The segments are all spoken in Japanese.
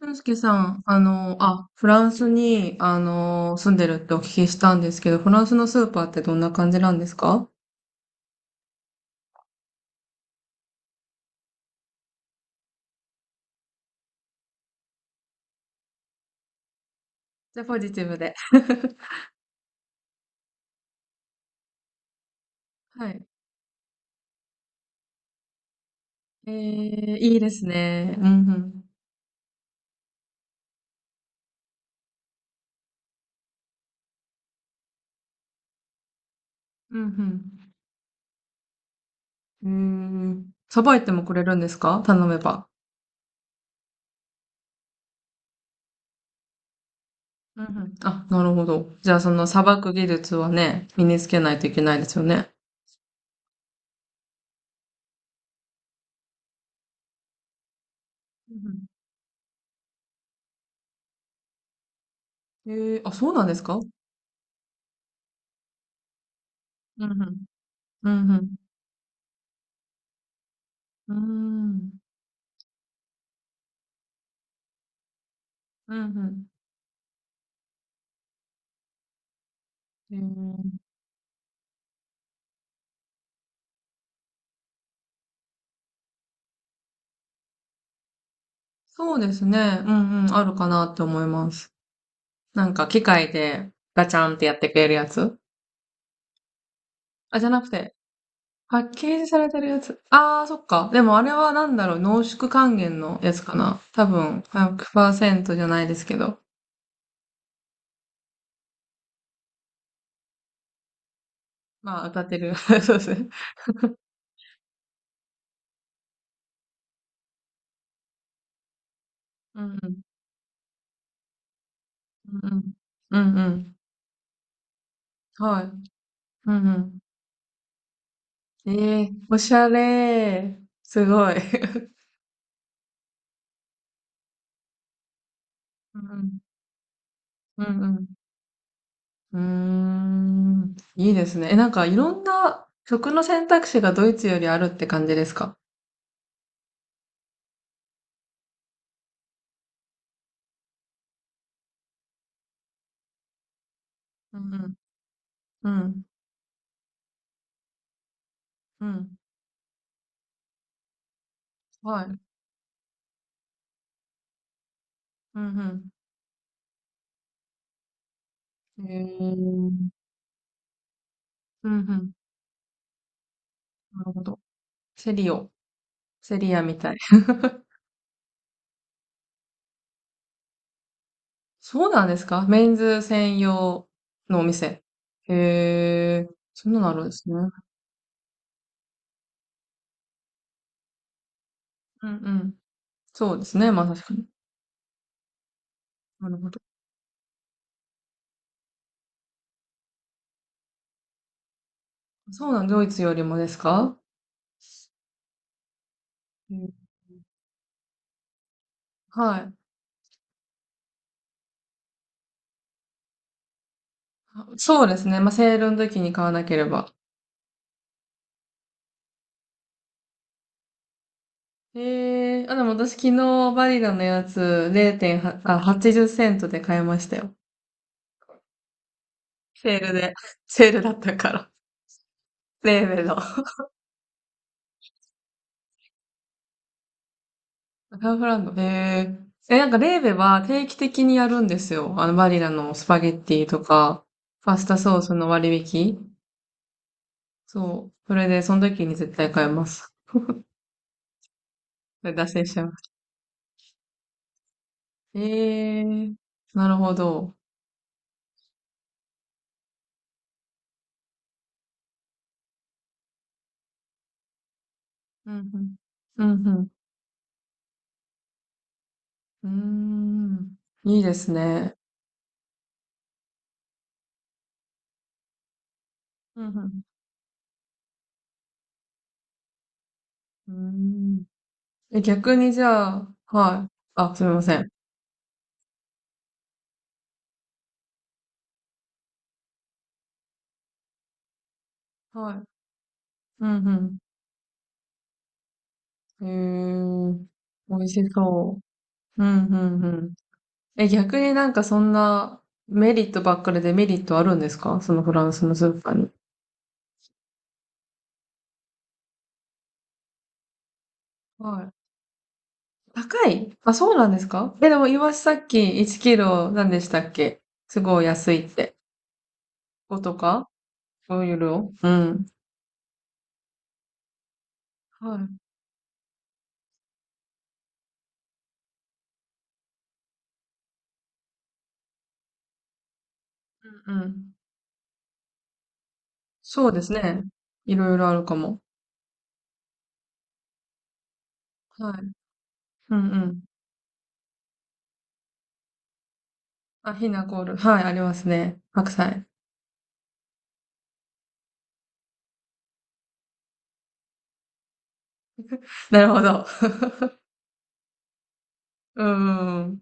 俊介さん、フランスに、住んでるってお聞きしたんですけど、フランスのスーパーってどんな感じなんですか？じゃあ、ポジティブで。はい。いいですね。うんうん。うんうん。うーん。さばいてもくれるんですか、頼めば？うんうん。あ、なるほど。じゃあ、その、さばく技術はね、身につけないといけないですよね。うんうん。あ、そうなんですか？うんうん。うんうん。うーん。うんうん。えーそうですね。うんうん、あるかなって思います。なんか機械でガチャンってやってくれるやつ。あ、じゃなくて、パッケージされてるやつ。あー、そっか。でもあれはなんだろう、濃縮還元のやつかな。多分、100%じゃないですけど。まあ、歌ってる。そうですね。うんうん。うんうん。うんうん。はい。うんうん。ええー、おしゃれー。すごい。うんうん。うんうん。うーん。いいですね。え、なんかいろんな食の選択肢がドイツよりあるって感じですか？うん、うん、うん。はい。うん、うん。うん、うん。なるほど。セリオ。セリアみたい。そうなんですか？メンズ専用のお店。へえ、そんなのあるんですね。うんうん。そうですね。まあ確かに。なるほど。そうなん、ドイツよりもですか？うん。はい。あ、そうですね。まあセールの時に買わなければ。ええー、あ、でも私昨日バリラのやつ0.8、あ、80セントで買いましたよ。セールで。セールだったから。レーベの。カンフランド。えええ、なんかレーベは定期的にやるんですよ。あのバリラのスパゲッティとか、パスタソースの割引。そう。それで、その時に絶対買います。それ脱線しちゃいます。ええー、なるほど。うんうん。うんうん。うーん。いいですね。うんうん。うーん。え、逆にじゃあ、はい。あ、すみません。はい。うんうん。へえ、美味しそう。うんうんうん。え、逆になんかそんなメリットばっかりでメリットあるんですか、そのフランスのスーパーに？はい。高い？あ、そうなんですか？え、でも、イワシさっき1キロ何でしたっけ？すごい安いって。5とか ?5 ユーロ、うん。はい。うん。そうですね。いろいろあるかも。はい。うん、あ、ひなコール。はい、ありますね。白菜。なるほど。うーん。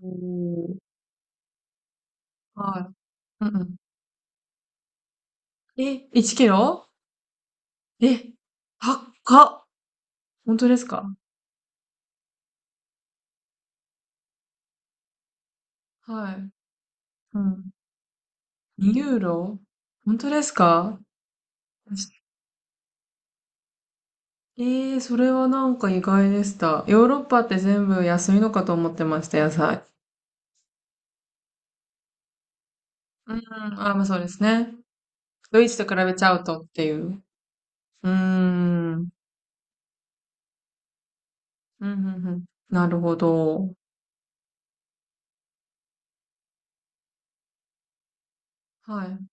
うーん。はい。うんうん。え、1キロ？え、高っ。本当ですか？はい。うん。2ユーロ？本当ですか？それはなんか意外でした。ヨーロッパって全部安いのかと思ってました、野菜。うん、あ、まあそうですね。ドイツと比べちゃうとっていう。うーん。うん、うん、うん。なるほど。はい。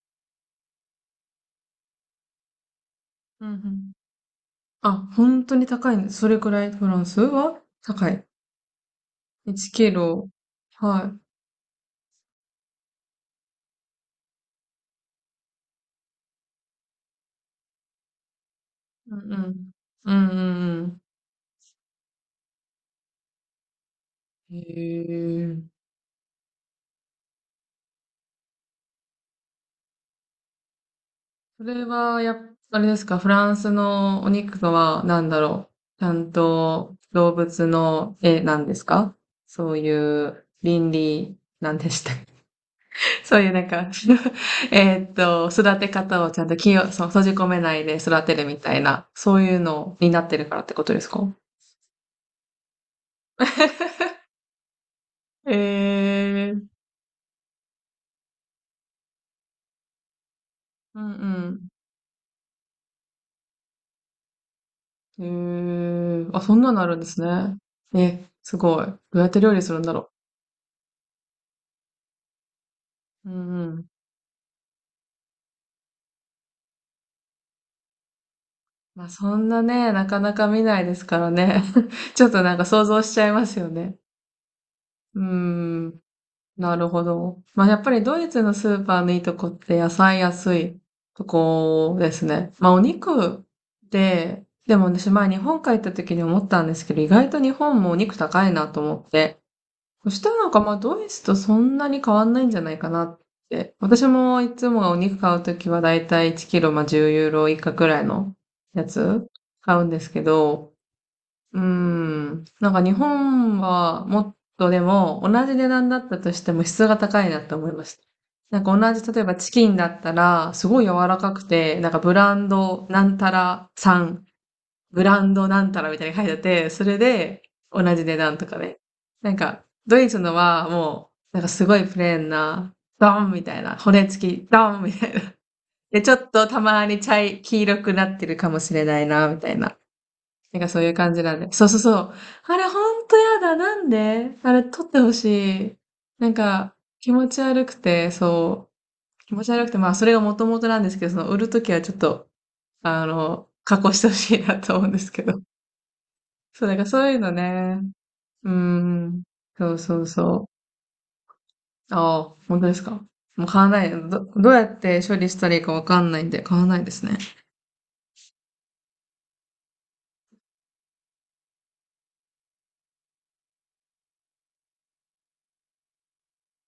うん、うん。あ、本当に高いんです。それくらいフランスは高い。1キロ。はい。うんうん。うんうんうん。へえ。それは、やっぱ、あれですか、フランスのお肉とは、なんだろう。ちゃんと動物の絵なんですか？そういう倫理、なんでしたっけ？ そういうなんか 育て方をちゃんと気を、そう、閉じ込めないで育てるみたいな、そういうのになってるからってことですか？え、うんうん。へえ。あ、そんなのあるんですね。え、すごい。どうやって料理するんだろう。うんうん。まあそんなね、なかなか見ないですからね。ちょっとなんか想像しちゃいますよね。うん。なるほど。まあやっぱりドイツのスーパーのいいとこって野菜安いとこですね。まあお肉で、でも私前日本帰った時に思ったんですけど、意外と日本もお肉高いなと思って。そしたらなんか、ま、ドイツとそんなに変わんないんじゃないかなって。私もいつもお肉買うときはだいたい1キロ、ま、10ユーロ以下くらいのやつ買うんですけど、うーん、なんか日本はもっとでも、同じ値段だったとしても質が高いなって思いました。なんか同じ例えばチキンだったら、すごい柔らかくて、なんかブランドなんたらさんブランドなんたらみたいに書いてあって、それで同じ値段とかね。なんか、ドイツのはもう、なんかすごいプレーンな、ドンみたいな、骨付き、ドンみたいな。で、ちょっとたまに黄色くなってるかもしれないな、みたいな。なんかそういう感じなんで。そうそうそう。あれほんとやだ、なんであれ取ってほしい。なんか、気持ち悪くて、そう、気持ち悪くて、まあそれが元々なんですけど、その売るときはちょっと、加工してほしいなと思うんですけど。そう、なんかそういうのね。うん。そうそうそう。ああ、本当ですか。もう買わない。どうやって処理したらいいかわかんないんで、買わないですね。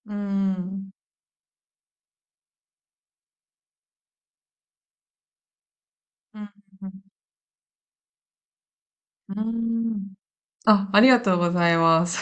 うん。うん。うん。うん、あ、ありがとうございます。